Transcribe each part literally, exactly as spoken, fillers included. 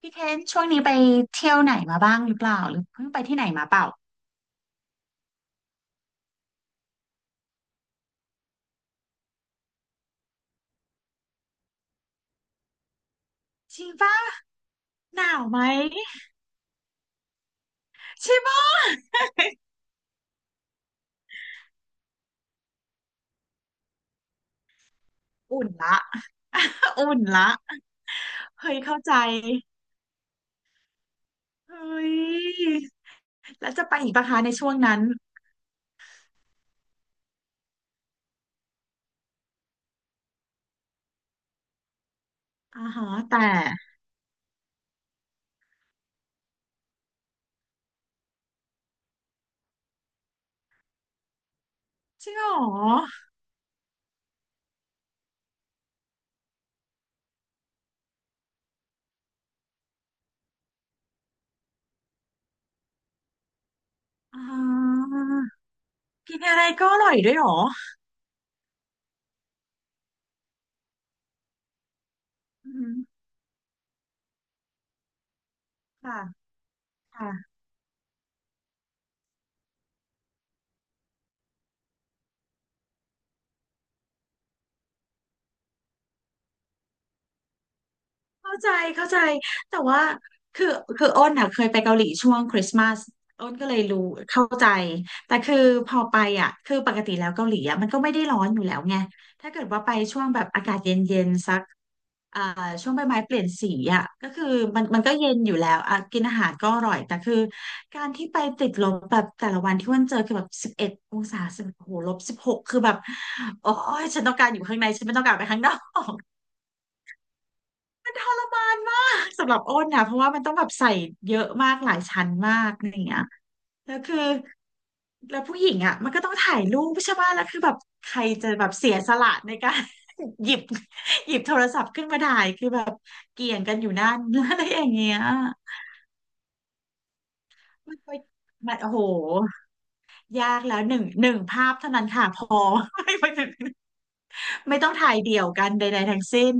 พี่เคนช่วงนี้ไปเที่ยวไหนมาบ้างหรือเปล่าหรือเพิ่งไปที่ไหนมาเปล่าจริงป่ะหนาวไหมใช่ป่ะอุ่นละ อุ่นละเฮ้ยเข้าใจเฮ้ยแล้วจะไปอีกปะคะในช่วงนั้นอ่าฮะแต่จริงเหรออ่ากินอะไรก็อร่อยด้วยเหรออืมค่ะค่ะ เข้าใจเข้าใจแต่ว่าคือคืออ้นอ่ะเคยไปเกาหลีช่วงคริสต์มาสอ้นก็เลยรู้เข้าใจแต่คือพอไปอ่ะคือปกติแล้วเกาหลีอ่ะมันก็ไม่ได้ร้อนอยู่แล้วไงถ้าเกิดว่าไปช่วงแบบอากาศเย็นๆสักอ่าช่วงใบไม้เปลี่ยนสีอ่ะก็คือมันมันก็เย็นอยู่แล้วอ่ะกินอาหารก็อร่อยแต่คือการที่ไปติดลบแบบแต่ละวันที่อ้นเจอคือแบบสิบเอ็ดองศาสิบโอ้โหลบสิบหกคือแบบโอ้ยฉันต้องการอยู่ข้างในฉันไม่ต้องการไปข้างนอก มานมากสำหรับอ้นนะเพราะว่ามันต้องแบบใส่เยอะมากหลายชั้นมากอะไรอย่างเงี้ยแล้วคือแล้วผู้หญิงอ่ะมันก็ต้องถ่ายรูปใช่ไหมแล้วคือแบบใครจะแบบเสียสละในการ หยิบหยิบโทรศัพท์ขึ้นมาถ่ายคือแบบเกี่ยงกันอยู่นั่น อะไรอย่างเงี้ยมันไปมันโอ้โหยากแล้วหนึ่งหนึ่งภาพเท่านั้นค่ะพอ ไม่ไม่ไม่ต้องถ่ายเดี่ยวกันใดๆทั้งสิ้น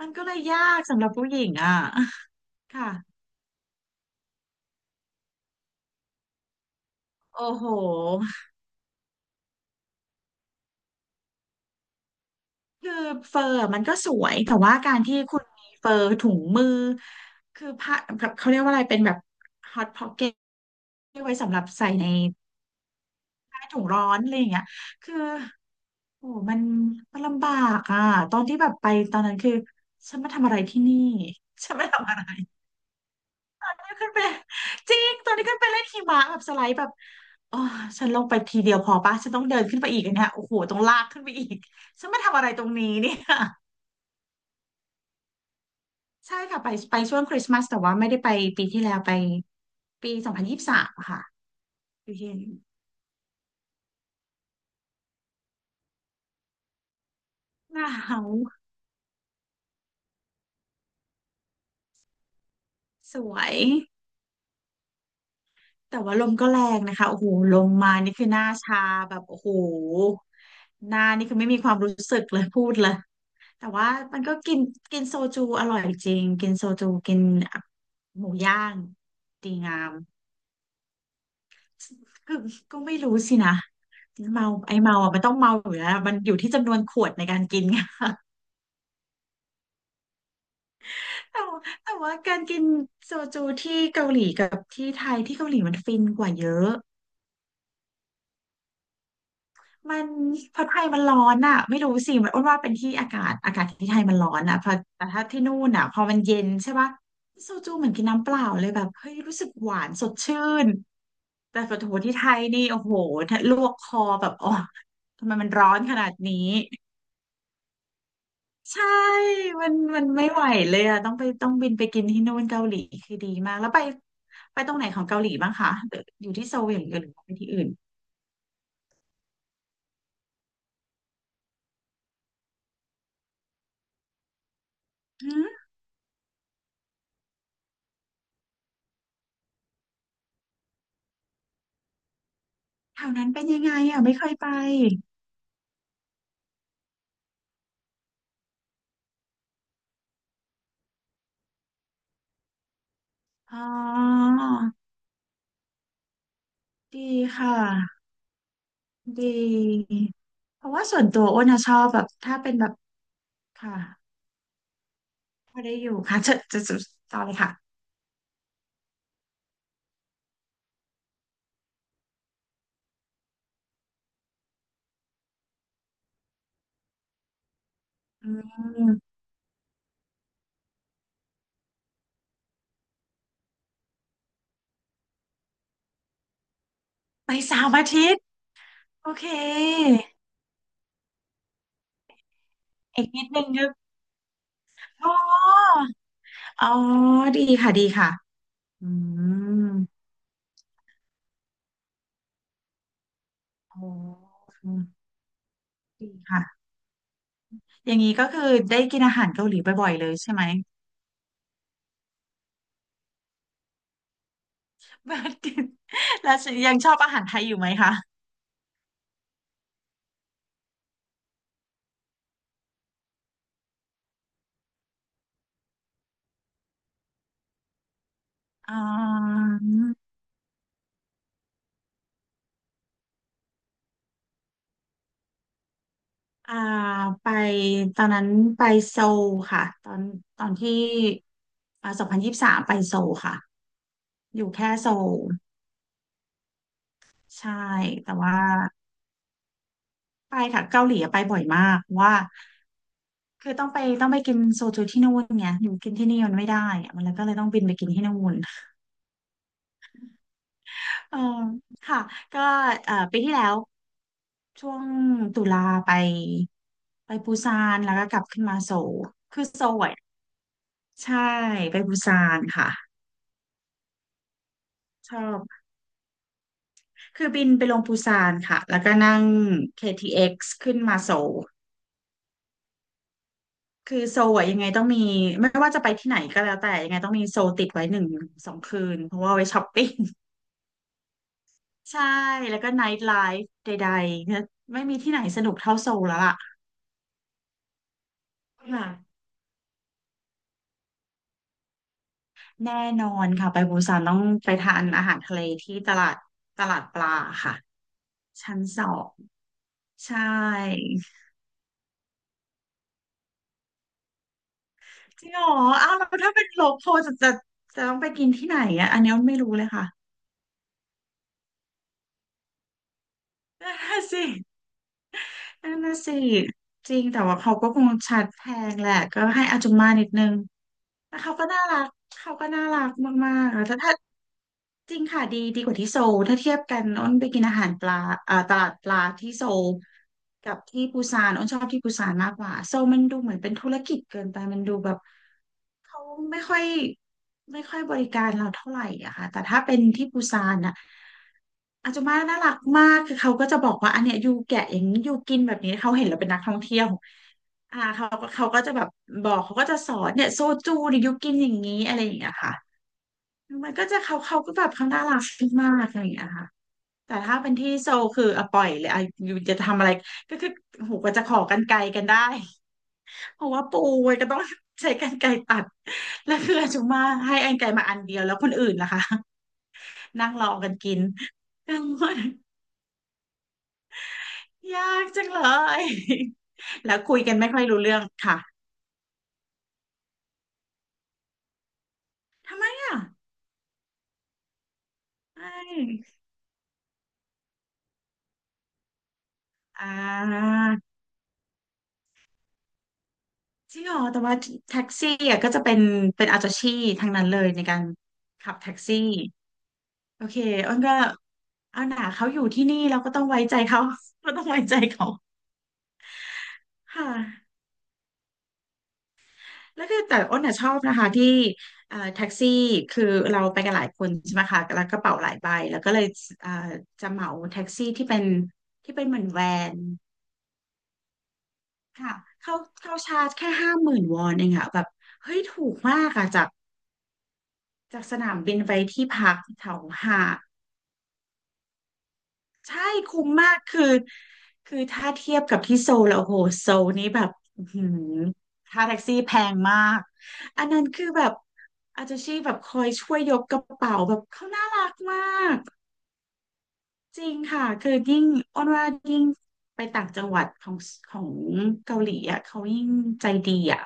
มันก็เลยยากสำหรับผู้หญิงอ่ะค่ะโอ้โห คือเฟอร์มันก็สวยแต่ว่าการที่คุณมีเฟอร์ถุงมือคือผ้าแบบเขาเรียกว่าอะไรเป็นแบบฮอตพ็อกเก็ตที่ไว้สำหรับใส่ในใต้ถุงร้อนอะไรอย่างเงี้ยคือโอ้มันมันลำบากอ่ะตอนที่แบบไปตอนนั้นคือฉันมาทำอะไรที่นี่ฉันมาทำอะไรตอนีขึ้นไปจริงตอนนี้ขึ้นไปเล่นหิมะแบบสไลด์แบบอ๋อฉันลงไปทีเดียวพอปะฉันต้องเดินขึ้นไปอีกอันเนี่ยโอ้โหต้องลากขึ้นไปอีกฉันมาทำอะไรตรงนี้เนี่ย ใช่ค่ะไปไปช่วงคริสต์มาสแต่ว่าไม่ได้ไปปีที่แล้วไปปีสองพันยี่สิบสามค่ะอยู่เย็นหนาวสวยแต่ว่าลมก็แรงนะคะโอ้โหลมมานี่คือหน้าชาแบบโอ้โหหน้านี่คือไม่มีความรู้สึกเลยพูดเลยแต่ว่ามันก็กินกินโซจูอร่อยจริงกินโซจูกินหมูย่างดีงามคือก็ไม่รู้สินะเมาไอเมาอ่ะมันต้องเมาอยู่แล้วมันอยู่ที่จำนวนขวดในการกิน ไง แต่ว่าแต่ว่าการกินโซจูที่เกาหลีกับที่ไทยที่เกาหลีมันฟินกว่าเยอะมันเพราะไทยมันร้อนอ่ะไม่รู้สิมันอ้วนว่าเป็นที่อากาศอากาศที่ไทยมันร้อนอ่ะเพอแต่ถ้าที่นู่นอ่ะพอมันเย็นใช่ปะโซจูเหมือนกินน้ำเปล่าเลยแบบเฮ้ยรู้สึกหวานสดชื่นแต่ปะโถที่ไทยนี่โอ้โหลวกคอแบบอ๋อทำไมมันร้อนขนาดนี้ ใช่มันมันไม่ไหวเลยอะต้องไปต้องบินไปกินที่นู่นเกาหลีคือดีมาก แล้วไปไปตรงไหนของเกาหลีบ้างคะหรืออยู่ที่โซลอย่างเดียวหรือว่าไปที่อื่นหืมแถวนั้นเป็นยังไงอะไม่เคยไป อ๋อ ดีค่ะ ดี เพราะว่าส่วนตัวอ้วนอะชอบแบบถ้าเป็นแบบค่ะพอได้อยู่ค่ะจะจะจะต่อเลยค่ะ อืมไปเสาร์อาทิตย์โอเคอีกนิดนึงนึกอ๋ออ๋อดีค่ะดีค่ะ อืมโอ้ดีค่ะอย่างนี้ก็คือได้กินอาหารเกาหลีบ่อยๆเลยใช่ไหม แล้วยังชอบอาหารไทยอยู่ไหมคะอ่าอ่าไปตอนนั้นไปโซลค่ะ ตอนตอนที่อ่าสองพันยี่สิบสามไปโซลค่ะ อยู่แค่โซล ใช่ แต่ว่า ไปค่ะเกาหลีอะไปบ่อยมากเพราะว่าคือต้องไปต้องไปกินโซจูที่นู่นไงอยู่กินที่นี่มันไม่ได้อะมันเลยก็เลยต้องบินไปกินที่นู่นเออค่ะก็เอ่อปีที่แล้วช่วงตุลาไปไปปูซานแล้วก็กลับขึ้นมาโซลคือโซลอะใช่ไปปูซานค่ะชอบคือบินไปลงปูซานค่ะแล้วก็นั่งเคทีเอ็กซ์ขึ้นมาโซล คือโซอะยังไงต้องมีไม่ว่าจะไปที่ไหนก็แล้วแต่ยังไงต้องมีโซลติดไว้หนึ่งสองคืนเพราะว่าเอาไว้ช้อปปิ้ง ใช่แล้วก็ไนท์ไลฟ์ใดๆไม่มีที่ไหนสนุกเท่าโซลแล้วล่ะค่ะแน่นอนค่ะไปปูซานต้องไปทานอาหารทะเลที่ตลาดตลาดปลาค่ะชั้นสองใช่จริงเหรออ้าวแล้วถ้าเป็นโลคอลจะจะจะต้องไปกินที่ไหนอ่ะอันนี้ไม่รู้เลยค่ะ นั่นน่ะสิ นั่นน่ะสิจริงแต่ว่าเขาก็คงชัดแพงแหละก็ให้อาจุมมานิดนึงแต่เขาก็น่ารักเขาก็น่ารักมากๆแล้วถ้า จริงค่ะดีดีกว่าที่โซลถ้าเทียบกันอ้นไปกินอาหารปลาอ่าตลาดปลาที่โซลกับที่ปูซานอ้นชอบที่ปูซานมากกว่าโซลมันดูเหมือนเป็นธุรกิจเกินไปมันดูแบบเขาไม่ค่อยไม่ค่อยบริการเราเท่าไหร่อะค่ะแต่ถ้าเป็นที่ปูซานอะอาจจะมาน่ารักมากคือเขาก็จะบอกว่าอันเนี้ยอยู่แกะอย่างนี้อยู่กินแบบนี้เขาเห็นเราเป็นนักท่องเที่ยวอ่าเขาเขาก็จะแบบบอกเขาก็จะสอนเนี่ยโซจูเนี่ยอยู่กินอย่างนี้อะไรอย่างเงี้ยค่ะ มันก็จะเขาเขาก็แบบเขาน่ารักมากอะไรอย่างเงี้ยค่ะแต่ถ้าเป็นที่โซลคืออะปล่อยเลยอะอยู่จะทำอะไรก็คือโอ้โหกว่าจะขอกรรไกรกันได้ เพราะว่าปูมันก็ต้องใช้กรรไกรตัด แล้วคืออาจุมาให้กรรไกรมาอันเดียวแล้วคนอื่นล่ะคะ นั่งรอกันกิน กังวลยากจังเลย แล้วคุยกันไม่ค่อยรู้เรื่องค่ะ เนี่ยใช่อ่า จริงเหรอแต่ว่าแท็กซี่อ่ะก็จะเป็นเป็นอาจาชีพทางนั้นเลยในการขับแท็กซี่โอเคอ้นก็เอาหนาเขาอยู่ที่นี่เราก็ต้องไว้ใจเขา เราต้องไว้ใจเขาค่ะแล้วคือแต่อ้นน่ะชอบนะคะที่เอ่อแท็กซี่คือเราไปกันหลายคนใช่ไหมคะแล้วกระเป๋าหลายใบแล้วก็เลยเอ่อจะเหมาแท็กซี่ที่เป็นที่เป็นเหมือนแวนค่ะเขาเขาชาร์จแค่ห้าหมื่นวอนเองอะแบบเฮ้ยถูกมากอะจากจากสนามบินไปที่พักแถวหาด ใช่คุ้มมากคือคือถ้าเทียบกับที่โซลแล้วโอ้โหโซลนี้แบบอื้อหือค่าแท็กซี่แพงมากอันนั้นคือแบบอาจจะชีแบบคอยช่วยยกกระเป๋าแบบเขาน่ารักมากจริงค่ะคือยิ่งอ้อนว่ายิ่งไปต่างจังหวัดของของเกาหลีอ่ะเขายิ่งใจดีอ่ะ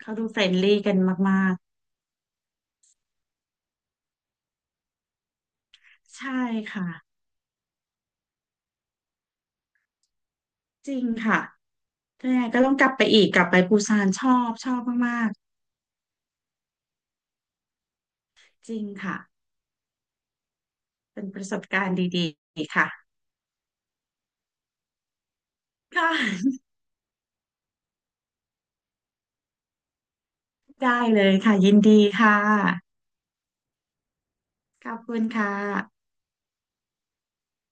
เขาดูเฟรนลี่กันมากๆใช่ค่ะจริงค่ะแต่ก็ต้องกลับไปอีกกลับไปปูซานชอบชอบมากๆจริงค่ะ เป็นประสบการณ์ดีๆค่ะค่ะ ได้เลยค่ะยินดีค่ะ ขอบคุณค่ะ